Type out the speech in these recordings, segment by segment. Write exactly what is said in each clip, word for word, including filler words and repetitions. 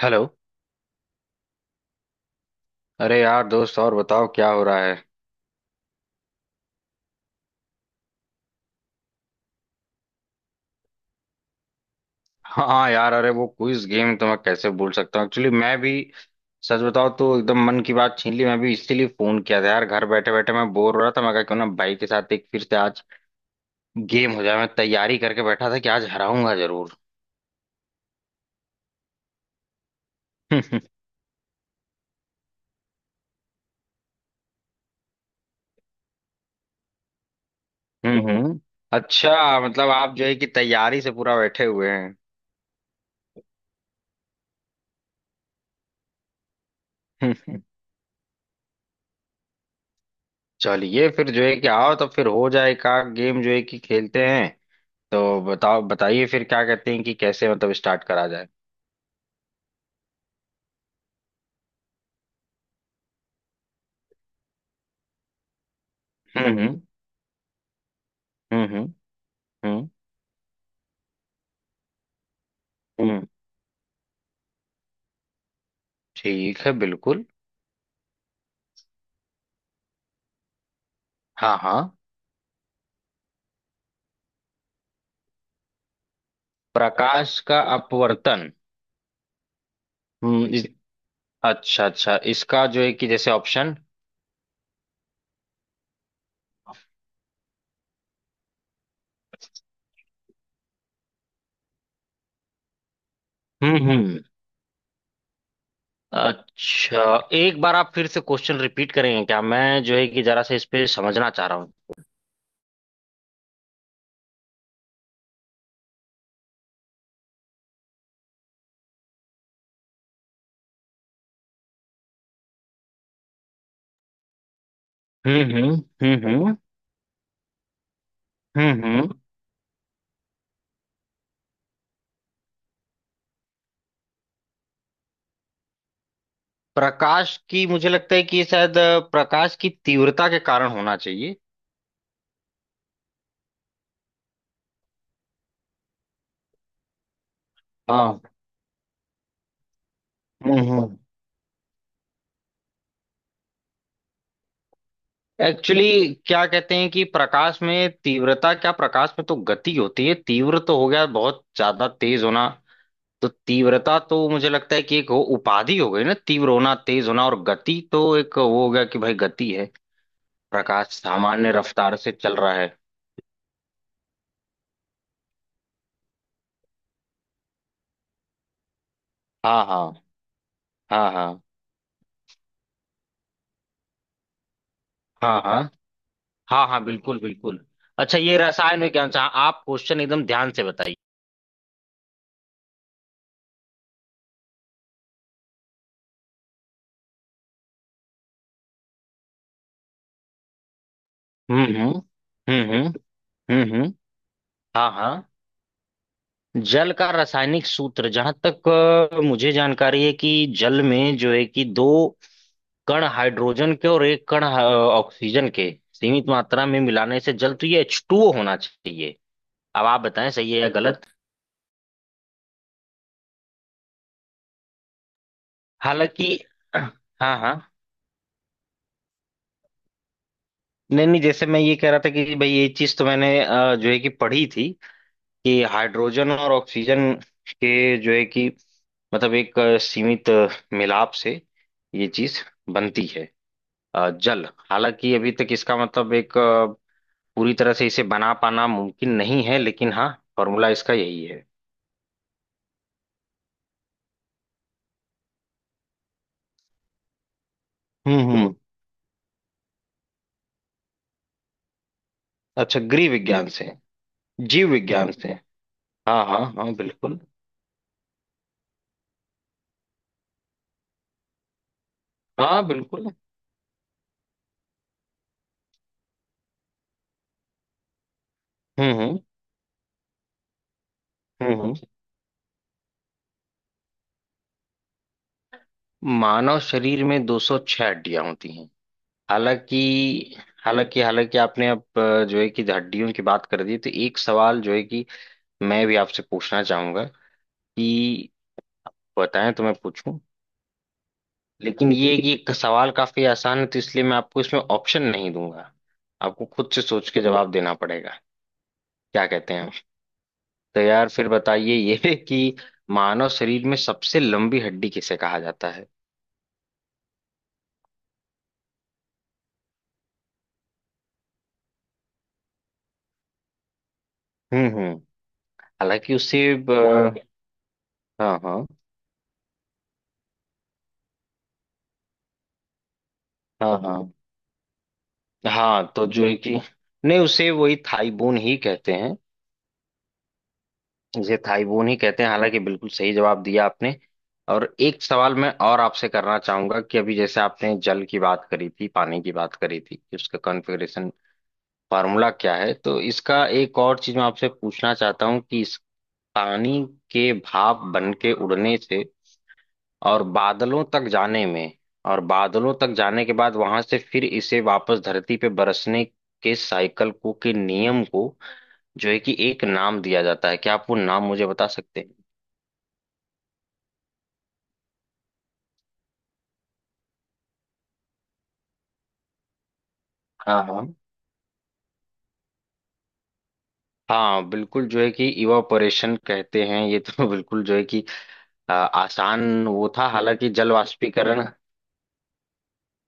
Hello. अरे यार दोस्त, और बताओ क्या हो रहा है। हाँ यार, अरे वो क्विज गेम तो मैं कैसे भूल सकता हूँ। एक्चुअली मैं भी, सच बताओ तो एकदम मन की बात छीन ली। मैं भी इसीलिए फोन किया था यार, घर बैठे बैठे मैं बोर हो रहा था। मैं कहा क्यों ना भाई के साथ एक फिर से आज गेम हो जाए। मैं तैयारी करके बैठा था कि आज हराऊंगा जरूर। हम्म। हम्म। अच्छा, मतलब आप जो है कि तैयारी से पूरा बैठे हुए हैं। चलिए फिर जो है कि आओ तो फिर हो जाए का गेम, जो है कि खेलते हैं। तो बताओ बताइए फिर, क्या कहते हैं कि कैसे मतलब स्टार्ट करा जाए। हम्म। हम्म। हम्म। हम्म। हम्म, ठीक है, बिल्कुल। हाँ, हाँ। प्रकाश का अपवर्तन। हम्म। इस, अच्छा, अच्छा, इसका जो है कि जैसे ऑप्शन। हम्म। हम्म। अच्छा, एक बार आप फिर से क्वेश्चन रिपीट करेंगे क्या? मैं जो है कि जरा सा इस पे समझना चाह रहा हूँ। हम्म। हम्म। हम्म। हम्म। हम्म। प्रकाश की मुझे लगता है कि शायद अ, प्रकाश की तीव्रता के कारण होना चाहिए। हाँ। हम्म। हम्म। एक्चुअली क्या कहते हैं कि प्रकाश में तीव्रता क्या? प्रकाश में तो गति होती है। तीव्र तो हो गया बहुत ज्यादा तेज होना। तो तीव्रता तो मुझे लगता है कि एक वो उपाधि हो गई ना, तीव्र होना तेज होना। और गति तो एक वो हो गया कि भाई, गति है। प्रकाश सामान्य रफ्तार से चल रहा है। हाँ, हाँ। हाँ, हाँ। हाँ, हाँ, हाँ, हाँ, बिल्कुल बिल्कुल। अच्छा, ये रसायन विज्ञान से हाँ, आप क्वेश्चन एकदम ध्यान से बताइए। हम्म। हम्म। हम्म। हम्म। हम्म। हम्म, हाँ, हाँ। जल का रासायनिक सूत्र, जहां तक अ, मुझे जानकारी है कि जल में जो है कि दो कण हाइड्रोजन के और एक कण अ, ऑक्सीजन के सीमित मात्रा में मिलाने से जल, तो ये एच टू ओ होना चाहिए। अब आप बताएं, सही है या गलत? हालांकि। हाँ, हाँ। नहीं, नहीं, जैसे मैं ये कह रहा था कि भाई, ये चीज तो मैंने अ, जो है कि पढ़ी थी कि हाइड्रोजन और ऑक्सीजन के जो है कि मतलब एक अ, सीमित अ, मिलाप से ये चीज बनती है अ, जल। हालांकि अभी तक इसका मतलब एक अ, पूरी तरह से इसे बना पाना मुमकिन नहीं है, लेकिन हाँ, फॉर्मूला इसका यही है। हम्म। हम्म। अच्छा, गृह विज्ञान से। जीव विज्ञान से। हाँ, हाँ, हाँ, बिल्कुल। हाँ बिल्कुल। हम्म। हम्म। हम्म। हम्म। मानव शरीर में दो सौ छह हड्डियां होती हैं। हालांकि। हालांकि हालांकि आपने अब अ, जो है कि हड्डियों की बात कर दी, तो एक सवाल जो है कि मैं भी आपसे पूछना चाहूंगा, कि बताएं तो मैं पूछूं। लेकिन ये है कि एक सवाल काफी आसान है, तो इसलिए मैं आपको इसमें ऑप्शन नहीं दूंगा। आपको खुद से सोच के जवाब देना पड़ेगा। क्या कहते हैं आप? तो यार फिर बताइए ये कि मानव शरीर में सबसे लंबी हड्डी किसे कहा जाता है? हम्म। हम्म। हालांकि उसे ब- हाँ, हाँ। हाँ, हाँ, हाँ, तो जो है कि नहीं, उसे वही थाई बोन ही कहते हैं। इसे थाईबून ही कहते हैं। हालांकि बिल्कुल सही जवाब दिया आपने। और एक सवाल मैं और आपसे करना चाहूंगा कि अभी जैसे आपने जल की बात करी थी, पानी की बात करी थी कि उसका कॉन्फ़िगरेशन, फार्मूला क्या है, तो इसका एक और चीज मैं आपसे पूछना चाहता हूँ कि इस पानी के भाप बन के उड़ने से और बादलों तक जाने में, और बादलों तक जाने के बाद वहां से फिर इसे वापस धरती पे बरसने के साइकिल को, के नियम को, जो है कि एक नाम दिया जाता है। क्या आप वो नाम मुझे बता सकते हैं? हाँ, हाँ। हाँ, बिल्कुल, जो है कि इवापोरेशन कहते हैं ये तो। बिल्कुल, जो है कि आ, आसान वो था। हालांकि जल वाष्पीकरण।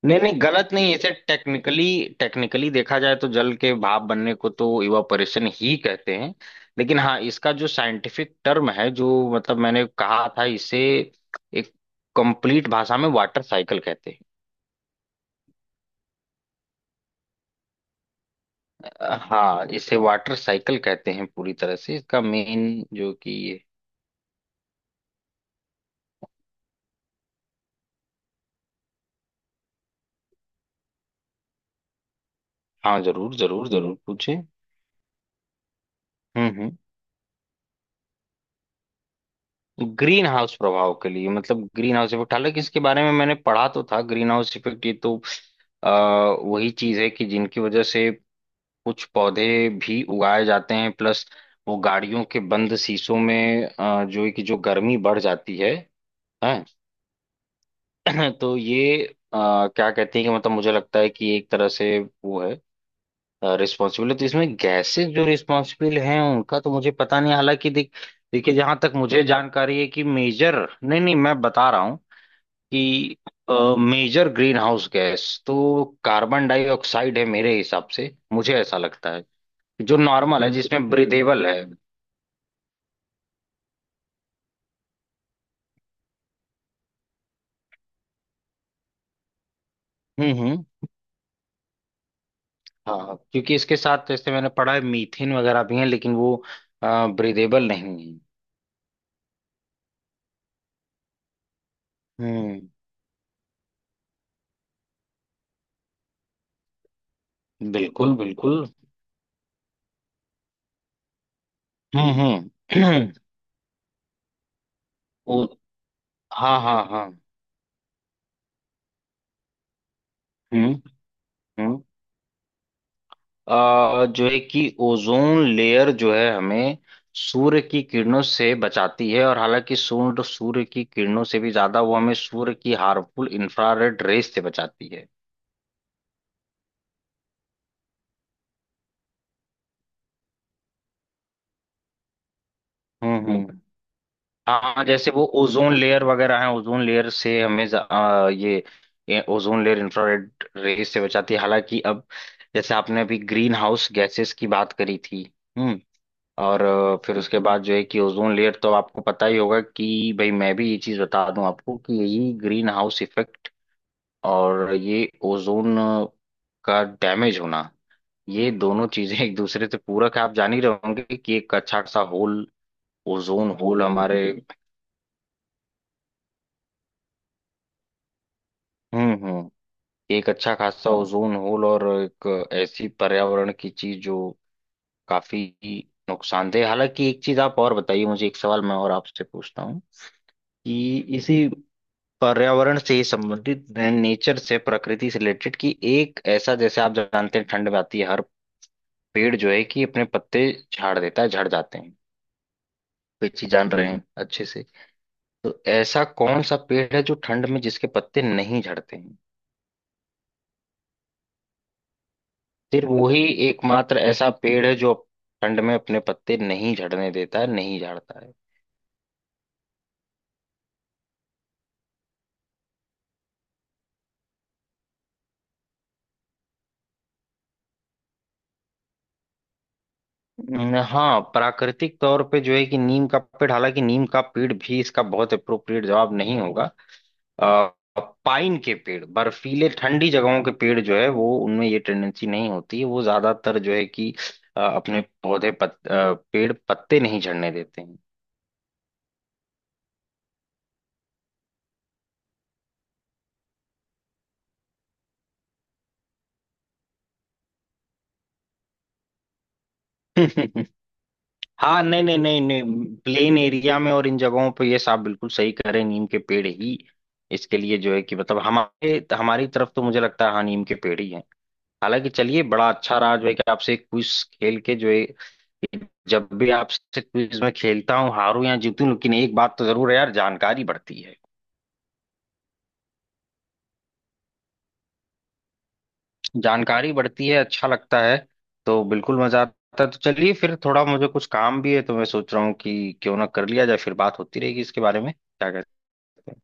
नहीं, नहीं, गलत नहीं। इसे टेक्निकली, टेक्निकली देखा जाए तो जल के भाप बनने को तो इवापोरेशन ही कहते हैं। लेकिन हाँ, इसका जो साइंटिफिक टर्म है, जो मतलब मैंने कहा था, इसे एक कंप्लीट भाषा में वाटर साइकिल कहते हैं। अ, हाँ, इसे वाटर साइकिल कहते हैं, पूरी तरह से इसका मेन, जो कि ये। हाँ, जरूर, जरूर, जरूर पूछे। हम्म। हम्म। ग्रीन हाउस प्रभाव के लिए, मतलब ग्रीन हाउस इफेक्ट, हालांकि इसके बारे में मैंने पढ़ा तो था। ग्रीन हाउस इफेक्ट ये तो आ, वही चीज है कि जिनकी वजह से कुछ पौधे भी उगाए जाते हैं, प्लस वो गाड़ियों के बंद शीशों में अ, जो है कि जो गर्मी बढ़ जाती है, हैं। तो ये अ, क्या कहते हैं कि मतलब मुझे लगता है कि एक तरह से वो है, रिस्पॉन्सिबल है, तो इसमें गैसेस जो रिस्पॉन्सिबल हैं उनका तो मुझे पता नहीं। हालांकि देख देखिए, जहां तक मुझे जानकारी है कि मेजर, नहीं, नहीं, मैं बता रहा हूँ कि मेजर ग्रीन हाउस गैस तो कार्बन डाइऑक्साइड है, मेरे हिसाब से मुझे ऐसा लगता है। जो नॉर्मल है, जिसमें ब्रीदेबल है। हम्म। हम्म। हाँ, क्योंकि इसके साथ जैसे मैंने पढ़ा है मीथेन वगैरह भी है, लेकिन वो ब्रीदेबल नहीं है। हम्म, बिल्कुल बिल्कुल। हम्म। हम्म। ओ, हाँ, हाँ, हाँ। हम्म। हम्म। अ, जो है कि ओजोन लेयर जो है हमें सूर्य की किरणों से बचाती है, और हालांकि सूर्य सूर्य की किरणों से भी ज्यादा वो हमें सूर्य की हार्मफुल इंफ्रारेड रेस से बचाती है। हम्म। हम्म। हाँ, जैसे वो ओजोन लेयर वगैरह है, ओजोन लेयर से हमें ज- अ, ये, ये ओजोन लेयर इंफ्रारेड रेस से बचाती है। हालांकि अब, जैसे आपने अभी ग्रीन हाउस गैसेस की बात करी थी, हम्म, और अ, फिर उसके बाद जो है कि ओजोन लेयर, तो आपको पता ही होगा कि भाई, मैं भी ये चीज बता दूं आपको कि यही ग्रीन हाउस इफेक्ट और ये ओजोन का डैमेज होना, ये दोनों चीजें एक दूसरे से पूरक है। आप जान ही रहे होंगे कि एक अच्छा खासा होल, ओजोन होल हमारे। हम्म। हम्म। एक अच्छा खासा ओजोन होल, और एक ऐसी पर्यावरण की चीज जो काफी नुकसानदेह। हालांकि एक चीज आप और बताइए मुझे, एक सवाल मैं और आपसे पूछता हूँ कि इसी पर्यावरण से ही संबंधित, नेचर से, प्रकृति से रिलेटेड की, एक ऐसा जैसे आप जानते हैं ठंड में आती है, हर पेड़ जो है कि अपने पत्ते झाड़ देता है, झड़ जाते हैं। कोई चीज जान रहे हैं अच्छे से। तो ऐसा कौन सा पेड़ है जो ठंड में जिसके पत्ते नहीं झड़ते हैं? सिर्फ वही एकमात्र ऐसा पेड़ है जो ठंड में अपने पत्ते नहीं झड़ने देता है, नहीं झाड़ता है। न- हाँ, प्राकृतिक तौर पे जो है कि नीम का पेड़। हालांकि नीम का पेड़ भी इसका बहुत अप्रोप्रिएट जवाब नहीं होगा। पाइन के पेड़, बर्फीले ठंडी जगहों के पेड़ जो है, वो उनमें ये टेंडेंसी नहीं होती। वो ज्यादातर जो है कि अ, अपने पौधे पत, अ, पेड़ पत्ते नहीं झड़ने देते हैं। हाँ। नहीं, नहीं, नहीं, नहीं, प्लेन एरिया में और इन जगहों पे ये साहब बिल्कुल सही करें, नीम के पेड़ ही इसके लिए जो है कि मतलब हमारे हमारी तरफ तो मुझे लगता है, हाँ, नीम के पेड़ ही हैं। हालांकि चलिए, बड़ा अच्छा रहा जो है कि आपसे क्विज खेल के। जो है जब भी आपसे क्विज में खेलता हूँ, हारूं या जीतूं, लेकिन एक बात तो जरूर है यार, जानकारी बढ़ती है। जानकारी बढ़ती है, अच्छा लगता है। तो बिल्कुल मजा आता है। तो चलिए फिर, थोड़ा मुझे कुछ काम भी है तो मैं सोच रहा हूँ कि क्यों ना कर लिया जाए। फिर बात होती रहेगी इसके बारे में, क्या कहते हैं